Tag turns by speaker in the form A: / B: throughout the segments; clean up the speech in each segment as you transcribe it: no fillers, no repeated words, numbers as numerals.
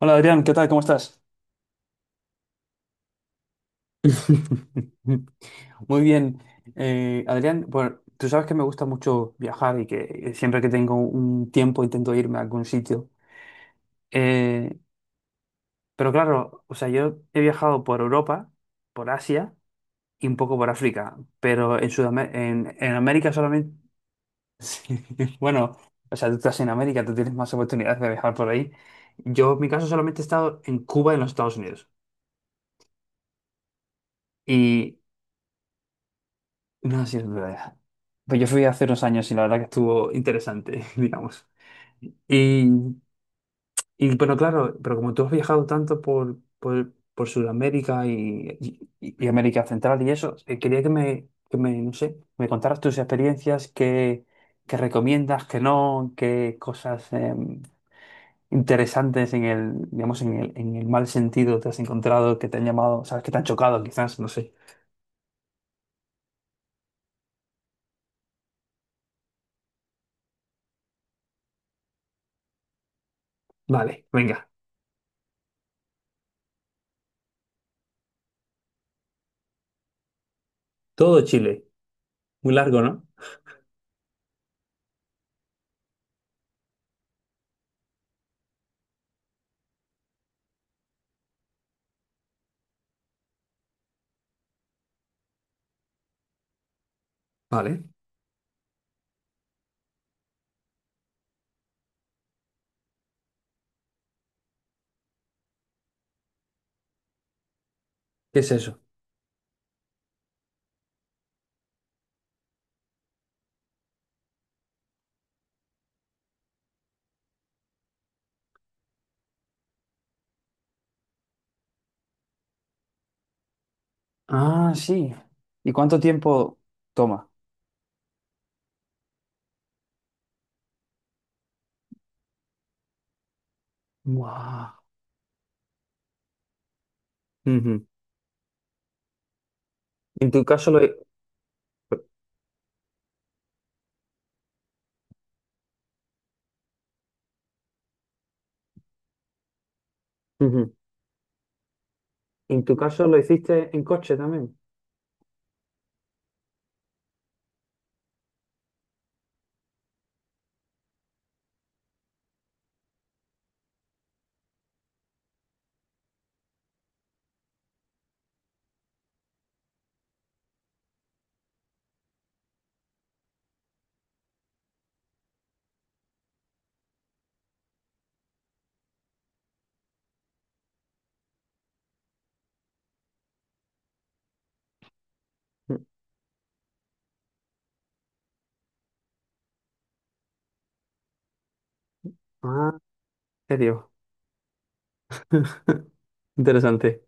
A: Hola Adrián, ¿qué tal? ¿Cómo estás? Muy bien. Adrián, bueno, tú sabes que me gusta mucho viajar y que siempre que tengo un tiempo intento irme a algún sitio. Eh, pero claro, o sea, yo he viajado por Europa, por Asia y un poco por África, pero en Sudamérica, en América solamente... Sí, bueno, o sea, tú estás en América, tú tienes más oportunidades de viajar por ahí. Yo, en mi caso, solamente he estado en Cuba y en los Estados Unidos. Y no sí sido dura. Pues yo fui hace unos años y la verdad que estuvo interesante, digamos. Y, y bueno, claro, pero como tú has viajado tanto por Sudamérica y América Central y eso, quería que me, no sé, me contaras tus experiencias, qué recomiendas, qué no, qué cosas interesantes en el, digamos, en el mal sentido te has encontrado, que te han llamado, sabes, que te han chocado quizás, no sé. Vale, venga. Todo Chile. Muy largo, ¿no? Vale. ¿Qué es eso? Ah, sí. ¿Y cuánto tiempo toma? Guau. Ujú. En tu caso lo, ujú. En tu caso lo hiciste en coche también. Ujú. Ah, ¿en serio? Interesante.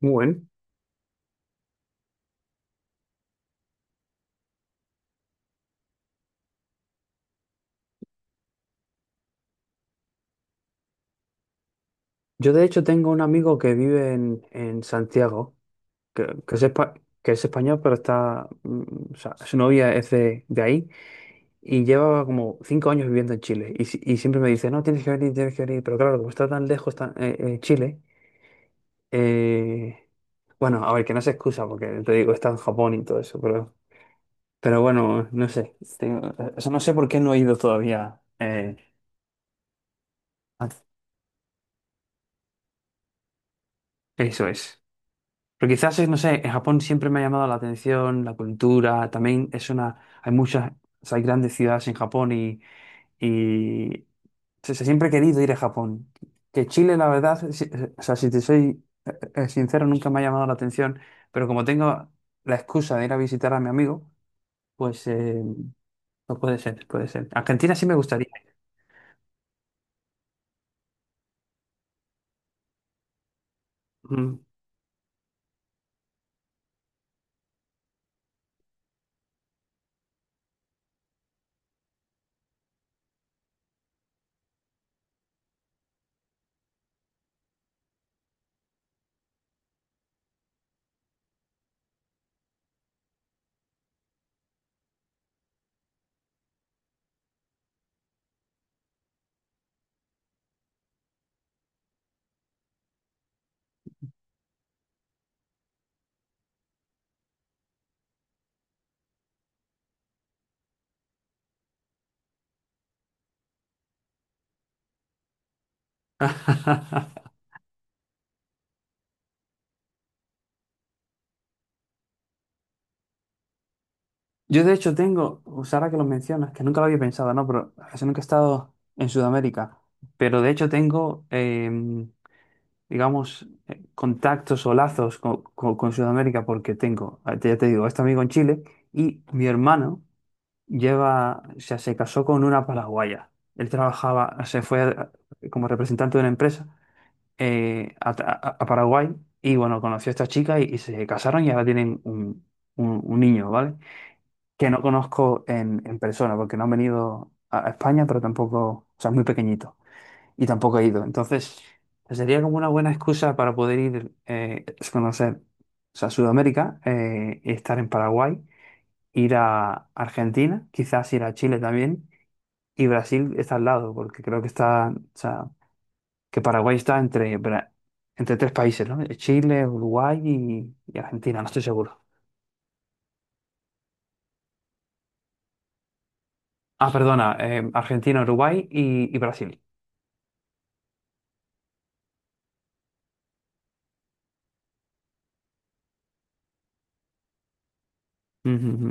A: Muy bueno. Yo de hecho tengo un amigo que vive en Santiago, que es que es español, pero está, o sea, su novia es de ahí y lleva como 5 años viviendo en Chile. Y siempre me dice, no, tienes que venir, tienes que venir. Pero claro, como está tan lejos Chile, eh, bueno, a ver, que no se excusa porque te digo, está en Japón y todo eso, pero bueno, no sé. Tengo- o sea, no sé por qué no he ido todavía. A- Eso es. Pero quizás, es, no sé, en Japón siempre me ha llamado la atención la cultura. También es una. Hay muchas. O sea, hay grandes ciudades en Japón y o sea, siempre he querido ir a Japón. Que Chile, la verdad, o sea, si te soy sincero, nunca me ha llamado la atención. Pero como tengo la excusa de ir a visitar a mi amigo, pues. No puede ser, puede ser. Argentina sí me gustaría. Mm. Yo de hecho tengo, pues ahora que lo mencionas, que nunca lo había pensado, ¿no? Pero casi nunca he estado en Sudamérica. Pero de hecho tengo, digamos, contactos o lazos con Sudamérica porque tengo, ya te digo, este amigo en Chile y mi hermano lleva, o sea, se casó con una paraguaya. Él trabajaba, se fue como representante de una empresa eh, a, a Paraguay y bueno, conoció a esta chica y se casaron y ahora tienen un, un niño, ¿vale? Que no conozco en persona porque no han venido a España, pero tampoco, o sea, es muy pequeñito y tampoco he ido. Entonces, sería como una buena excusa para poder ir a conocer, o sea, Sudamérica, y estar en Paraguay, ir a Argentina, quizás ir a Chile también. Y Brasil está al lado, porque creo que está, que Paraguay está entre tres países, ¿no? Chile, Uruguay y Argentina, no estoy seguro. Ah, perdona, Argentina, Uruguay y Brasil. Ujú, ujú.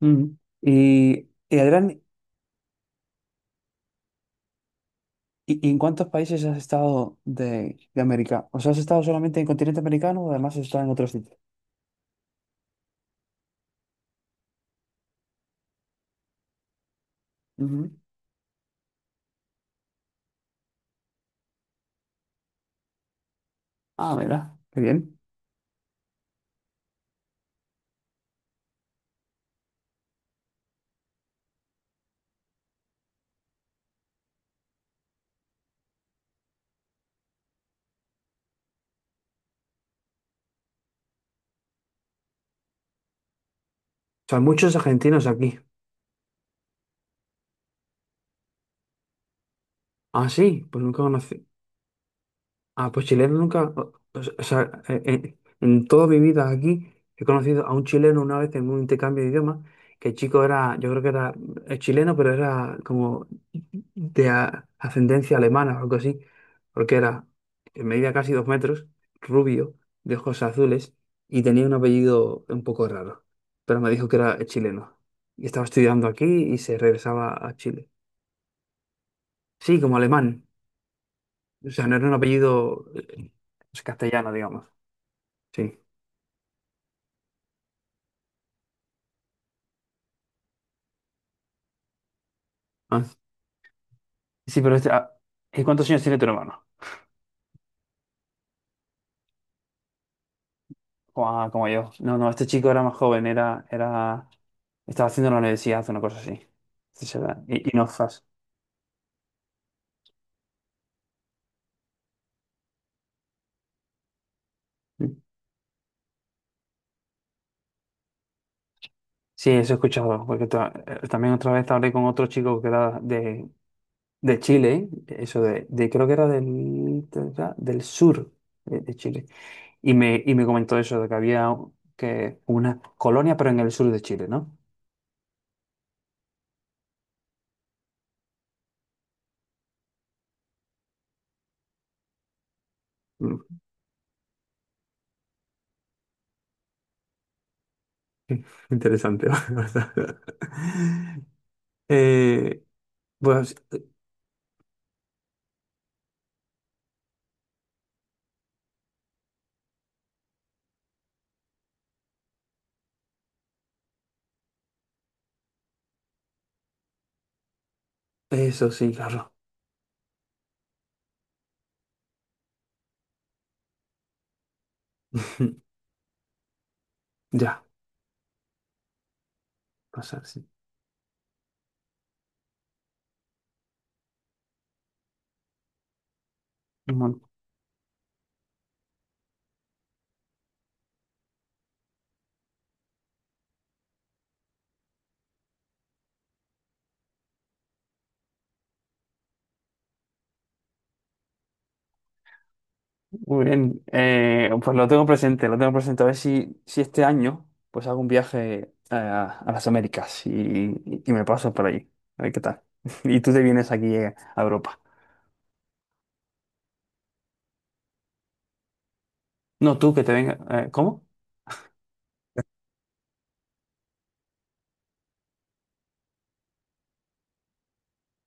A: Ujú. Y Adrián, ¿y en cuántos países has estado de América? ¿O sea, has estado solamente en el continente americano o además has estado en otros sitios? Ujú. Ah, mira, qué bien. O sea, hay muchos argentinos aquí. Ah, sí, pues nunca conocí. Ah, pues chileno nunca, o sea, en toda mi vida aquí he conocido a un chileno una vez en un intercambio de idiomas, que el chico era, yo creo que era chileno, pero era como de ascendencia alemana o algo así, porque era, medía casi 2 metros, rubio, de ojos azules y tenía un apellido un poco raro, pero me dijo que era chileno y estaba estudiando aquí y se regresaba a Chile. Sí, como alemán, o sea, no era un apellido pues, castellano, digamos. Sí. Ah, sí, pero este, ah, ¿cuántos años tiene tu hermano? Ah, como yo. No, no, este chico era más joven, estaba haciendo la universidad, una cosa así. Sí, se y no fas. Sí, eso he escuchado, porque también otra vez hablé con otro chico que era de Chile, eso de, creo que era era del sur de Chile, y me comentó eso, de que había que una colonia, pero en el sur de Chile, ¿no? Mm. Interesante. ¿Verdad? Eh, pues eso sí, claro. Ya, pasar, sí. Bueno, muy bien. Pues lo tengo presente, lo tengo presente. A ver si este año pues hago un viaje a las Américas y me paso por allí. A ver qué tal. Y tú te vienes aquí a Europa. No, tú que te vengas. ¿Cómo?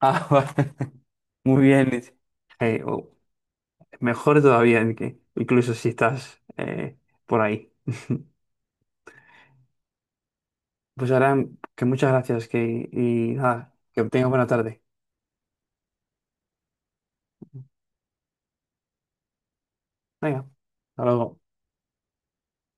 A: Ah, vale. Muy bien. Eh, o- Mejor todavía, que incluso si estás por ahí. Pues ahora que muchas gracias que, y nada, que tengas buena tarde. Venga, hasta luego.